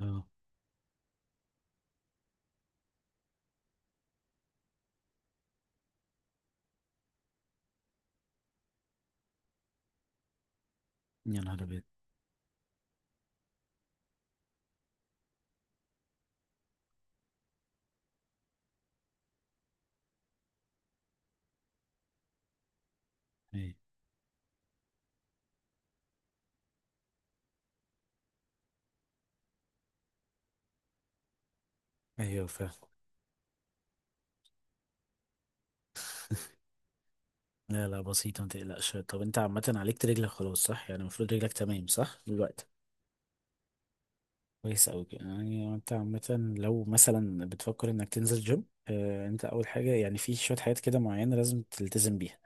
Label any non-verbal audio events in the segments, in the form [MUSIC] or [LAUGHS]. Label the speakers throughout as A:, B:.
A: اه، يا نهار ابيض! ايوه، ايوه فعلا. [LAUGHS] لا لا، بسيطة ما تقلقش. طب انت عامة عليك رجلك خلاص، صح؟ يعني المفروض رجلك تمام، صح دلوقتي. كويس أوي كده. يعني انت عامة لو مثلا بتفكر انك تنزل جيم، انت اول حاجة يعني في شوية حاجات كده معينة لازم تلتزم بيها.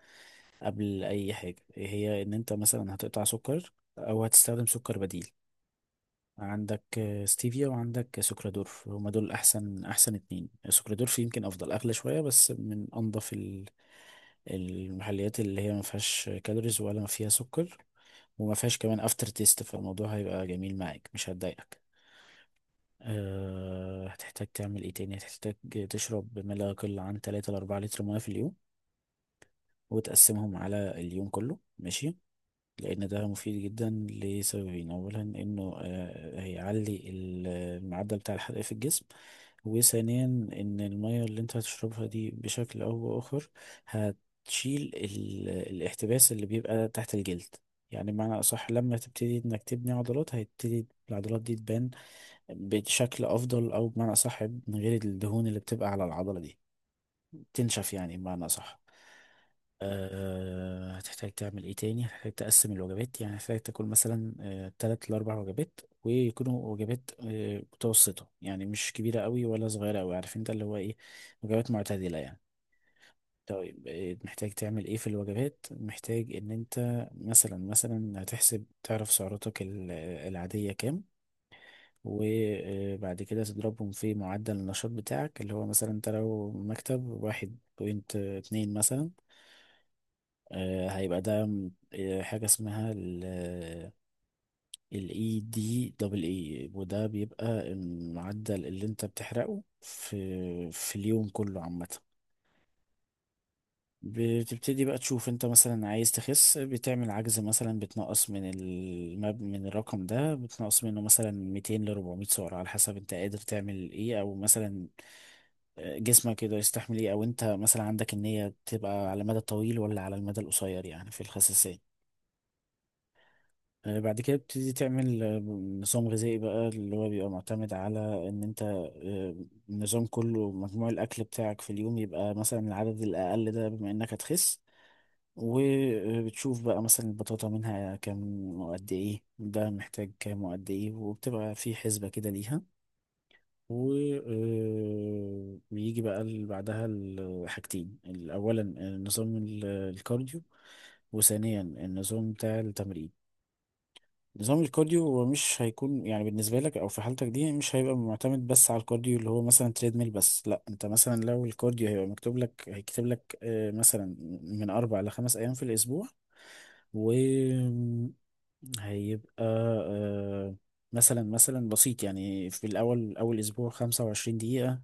A: قبل اي حاجة، هي ان انت مثلا هتقطع سكر او هتستخدم سكر بديل. عندك ستيفيا، وعندك سكرادورف. هما دول احسن احسن اتنين. سكرادورف يمكن افضل، اغلى شويه بس، من انضف المحليات اللي هي ما فيهاش كالوريز ولا ما فيها سكر، وما فيهاش كمان افتر تيست. فالموضوع هيبقى جميل معاك، مش هتضايقك. أه، هتحتاج تعمل ايه تاني؟ هتحتاج تشرب ما لا يقل عن 3 ل 4 لتر ميه في اليوم، وتقسمهم على اليوم كله، ماشي. لأن ده مفيد جدا لسببين: أولا إنه هيعلي المعدل بتاع الحرق في الجسم، وثانيا إن المية اللي أنت هتشربها دي بشكل أو بآخر هتشيل الاحتباس اللي بيبقى تحت الجلد. يعني بمعنى أصح، لما تبتدي إنك تبني عضلات هيبتدي العضلات دي تبان بشكل أفضل، أو بمعنى أصح من غير الدهون اللي بتبقى على العضلة دي، تنشف يعني بمعنى أصح. هتحتاج تعمل ايه تاني؟ هتحتاج تقسم الوجبات. يعني هتحتاج تاكل مثلا تلات لأربع وجبات، ويكونوا وجبات متوسطة، يعني مش كبيرة قوي ولا صغيرة قوي، عارف انت اللي هو ايه، وجبات معتدلة يعني. طيب محتاج تعمل ايه في الوجبات؟ محتاج ان انت مثلا هتحسب تعرف سعراتك العادية كام، وبعد كده تضربهم في معدل النشاط بتاعك اللي هو مثلا انت لو مكتب 1.2 مثلا. هيبقى ده حاجة اسمها الاي دي دبل اي، وده بيبقى المعدل اللي انت بتحرقه في اليوم كله عامة. بتبتدي بقى تشوف انت مثلا عايز تخس، بتعمل عجز مثلا، بتنقص من من الرقم ده، بتنقص منه مثلا 200 ل 400 سعر على حسب انت قادر تعمل ايه، او مثلا جسمك يقدر يستحمل ايه، او انت مثلا عندك النية تبقى على المدى الطويل ولا على المدى القصير يعني في الخساسية. بعد كده بتبتدي تعمل نظام غذائي بقى، اللي هو بيبقى معتمد على ان انت النظام كله مجموع الاكل بتاعك في اليوم يبقى مثلا العدد الاقل ده، بما انك هتخس. وبتشوف بقى مثلا البطاطا منها كام وقد ايه، ده محتاج كام وقد ايه، وبتبقى في حسبة كده ليها. وبيجي بقى بعدها حاجتين اولا نظام الكارديو، وثانيا النظام بتاع التمرين. نظام الكارديو هو مش هيكون يعني بالنسبة لك أو في حالتك دي مش هيبقى معتمد بس على الكارديو اللي هو مثلا تريدميل بس، لا. أنت مثلا لو الكارديو هيبقى مكتوب لك هيكتب لك مثلا من أربع لخمس أيام في الأسبوع، و هيبقى آه، مثلا بسيط، يعني في الأول أول أسبوع 25 دقيقة،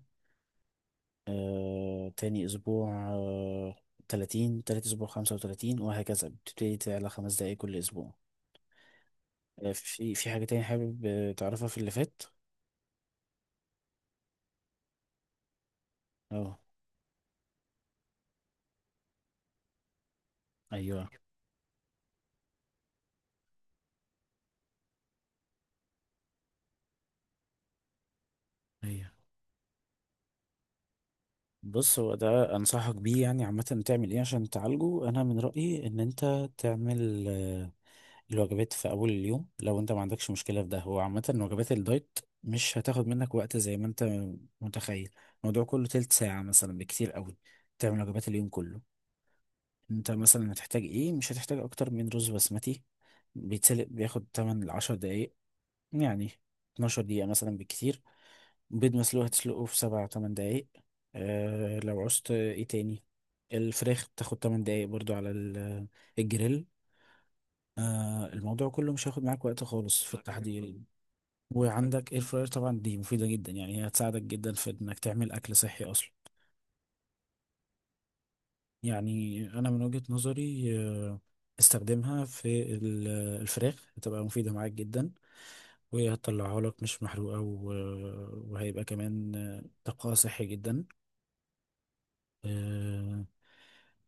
A: تاني أسبوع 30، تالت أسبوع 35، وهكذا بتبتدي تعلى خمس دقايق كل أسبوع. في حاجة تانية حابب تعرفها في اللي فات؟ اه، أيوه، أيوه. بص، هو ده أنصحك بيه يعني عامة. تعمل إيه عشان تعالجه؟ أنا من رأيي إن أنت تعمل الوجبات في أول اليوم، لو أنت ما عندكش مشكلة في ده. هو عامة وجبات الدايت مش هتاخد منك وقت زي ما أنت متخيل. الموضوع كله تلت ساعة مثلا بكتير قوي، تعمل وجبات اليوم كله. انت مثلا هتحتاج ايه؟ مش هتحتاج اكتر من رز بسمتي بيتسلق، بياخد 8 ل 10 دقايق، يعني 12 دقيقة مثلا بالكتير. بيض مسلوق هتسلقه في 7 8 دقايق. أه، لو عوزت ايه تاني؟ الفراخ بتاخد 8 دقايق برضو على الجريل. أه، الموضوع كله مش هياخد معاك وقت خالص في التحضير. وعندك اير فراير طبعا، دي مفيدة جدا يعني، هي هتساعدك جدا في انك تعمل اكل صحي اصلا. يعني أنا من وجهة نظري استخدمها في الفراخ، هتبقى مفيدة معاك جدا، وهتطلعها لك مش محروقة، وهيبقى كمان طاقة صحي جدا. آه،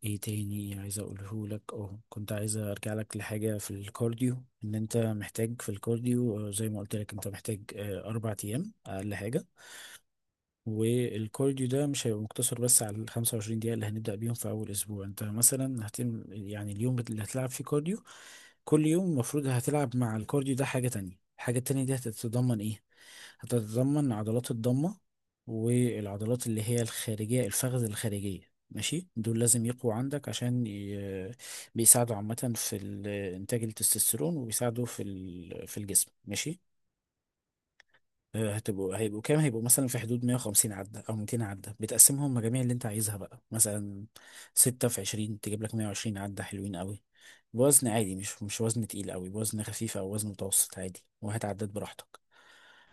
A: ايه تاني عايز اقوله لك؟ اه، كنت عايز ارجع لك لحاجة في الكارديو. ان انت محتاج في الكارديو زي ما قلت لك، انت محتاج اربع ايام اقل حاجة. والكارديو ده مش هيبقى مقتصر بس على ال 25 دقيقة اللي هنبدأ بيهم في أول أسبوع. أنت مثلا يعني اليوم اللي هتلعب فيه كارديو كل يوم المفروض هتلعب مع الكارديو ده حاجة تانية. الحاجة التانية دي هتتضمن إيه؟ هتتضمن عضلات الضمة، والعضلات اللي هي الخارجية، الفخذ الخارجية، ماشي. دول لازم يقووا عندك عشان بيساعدوا عامة في إنتاج التستوستيرون، وبيساعدوا في الجسم، ماشي. هيبقوا كام؟ هيبقوا مثلا في حدود 150 عدة أو 200 عدة، بتقسمهم مجاميع اللي أنت عايزها بقى، مثلا ستة في 20 تجيب لك 120 عدة حلوين قوي، بوزن عادي، مش وزن تقيل قوي، بوزن خفيف أو وزن متوسط عادي، وهات عدات براحتك.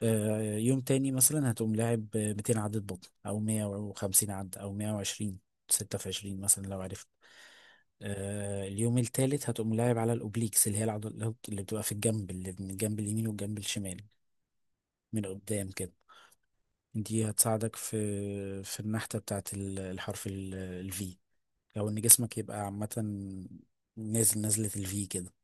A: يوم تاني مثلا هتقوم لاعب 200 عدة بطن، أو 150 عدة، أو 120، ستة في 20 مثلا لو عرفت. اليوم التالت هتقوم لاعب على الأوبليكس، اللي هي العضلات اللي بتبقى في الجنب، اللي من الجنب اليمين والجنب الشمال من قدام كده. دي هتساعدك في النحتة بتاعت الحرف الفي، او ان جسمك يبقى عامة نازل نزلة الفي كده.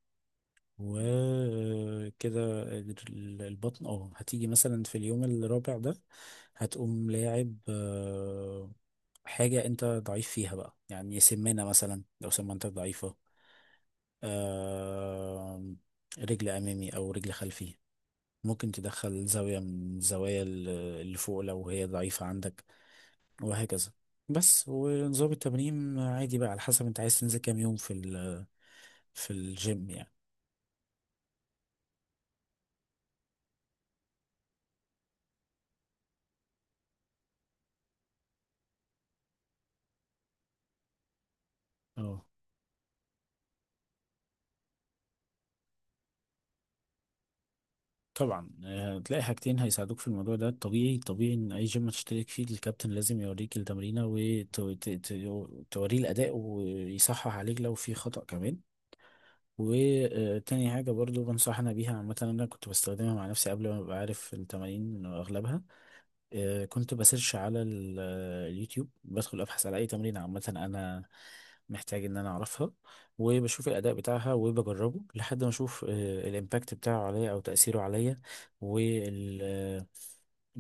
A: وكده البطن. اه، هتيجي مثلا في اليوم الرابع ده هتقوم لاعب حاجة انت ضعيف فيها بقى، يعني سمانة مثلا لو سمانتك ضعيفة، آه، رجل أمامي أو رجل خلفي. ممكن تدخل زاوية من الزوايا اللي فوق لو هي ضعيفة عندك، وهكذا. بس، ونظام التمرين عادي بقى على حسب انت عايز تنزل كام يوم في في الجيم يعني. اه، طبعا. هتلاقي حاجتين هيساعدوك في الموضوع ده. طبيعي ان اي جيم هتشترك فيه الكابتن لازم يوريك التمرينه وتوريه الاداء ويصحح عليك لو في خطأ كمان. وتاني حاجه برضو بنصحنا بيها عامه، انا كنت بستخدمها مع نفسي قبل ما ابقى عارف التمارين اغلبها. كنت بسيرش على اليوتيوب، بدخل ابحث على اي تمرين عامه انا محتاج ان انا اعرفها، وبشوف الاداء بتاعها وبجربه لحد ما اشوف الامباكت بتاعه عليا او تاثيره عليا، ومدى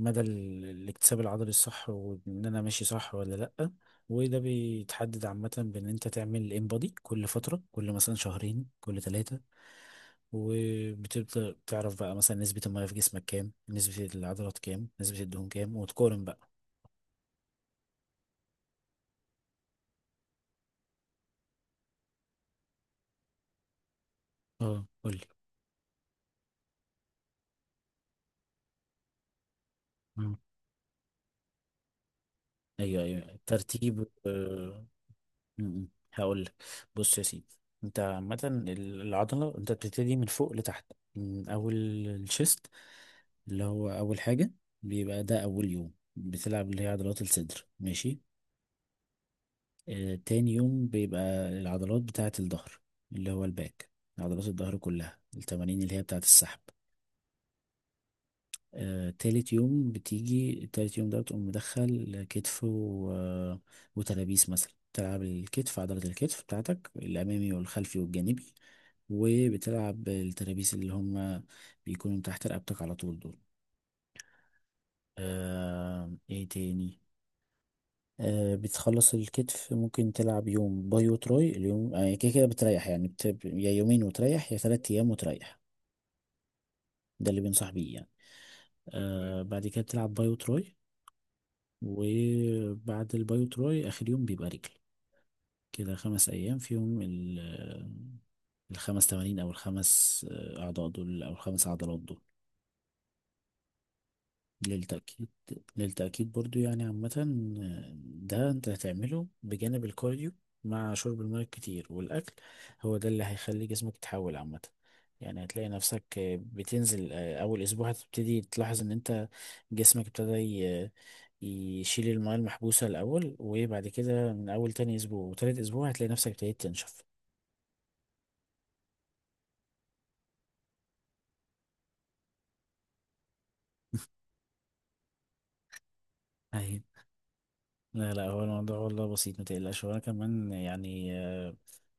A: الاكتساب العضلي الصح، وان انا ماشي صح ولا لا. وده بيتحدد عامه بان انت تعمل انبادي كل فتره، كل مثلا شهرين، كل ثلاثه، وبتبدأ تعرف بقى مثلا نسبة المياه في جسمك كام، نسبة العضلات كام، نسبة الدهون كام، وتقارن بقى. اه، قول لي. مم. ايوه، ايوه، ترتيب، م- م. هقول لك. بص يا سيدي، انت عامة العضلة انت بتبتدي من فوق لتحت، من اول الشيست اللي هو اول حاجة، بيبقى ده اول يوم بتلعب، اللي هي عضلات الصدر، ماشي. آه، تاني يوم بيبقى العضلات بتاعة الظهر، اللي هو الباك، عضلات الظهر كلها، التمارين اللي هي بتاعة السحب. تالت يوم بتيجي، تالت يوم ده بتقوم مدخل كتف و... آه، وترابيس. مثلا تلعب الكتف، عضلة الكتف بتاعتك الأمامي والخلفي والجانبي، وبتلعب الترابيس اللي هم بيكونوا تحت رقبتك على طول دول. آه، ايه تاني؟ آه، بتخلص الكتف ممكن تلعب يوم باي وتراي. اليوم كده كده بتريح، يعني يا يومين وتريح، يا تلات أيام وتريح. ده اللي بنصح بيه يعني. آه، بعد كده بتلعب باي وتراي، وبعد البايو تراي آخر يوم بيبقى رجل. كده خمس أيام فيهم الخمس تمارين، أو الخمس أعضاء دول، أو الخمس عضلات دول. للتأكيد، للتأكيد برضو يعني عامة، آه، ده انت هتعمله بجانب الكارديو مع شرب الماء كتير والأكل. هو ده اللي هيخلي جسمك يتحول عامة. يعني هتلاقي نفسك بتنزل، أول أسبوع هتبتدي تلاحظ إن أنت جسمك ابتدى يشيل الماء المحبوسة الأول، وبعد كده من أول تاني أسبوع وتالت أسبوع هتلاقي نفسك ابتديت تنشف. أيوة. لا لا، هو الموضوع والله بسيط، متقلقش، وأنا كمان يعني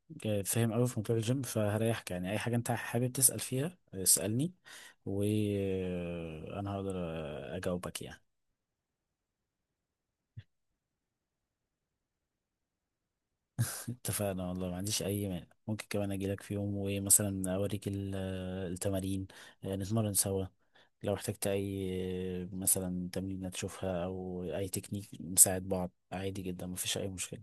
A: فاهم قوي في موضوع الجيم، فهريحك. يعني اي حاجه انت حابب تسال فيها، اسالني وانا هقدر اجاوبك يعني. [LAUGHS] اتفقنا والله، ما عنديش اي مانع. ممكن كمان اجي لك في يوم ومثلا اوريك التمارين، نتمرن سوا. لو احتجت اي مثلا تمرين تشوفها، او اي تكنيك، نساعد بعض عادي جدا، مفيش اي مشكله.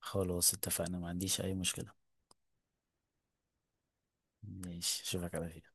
A: خلاص اتفقنا، ما عنديش اي مشكله. ماشي، اشوفك على خير.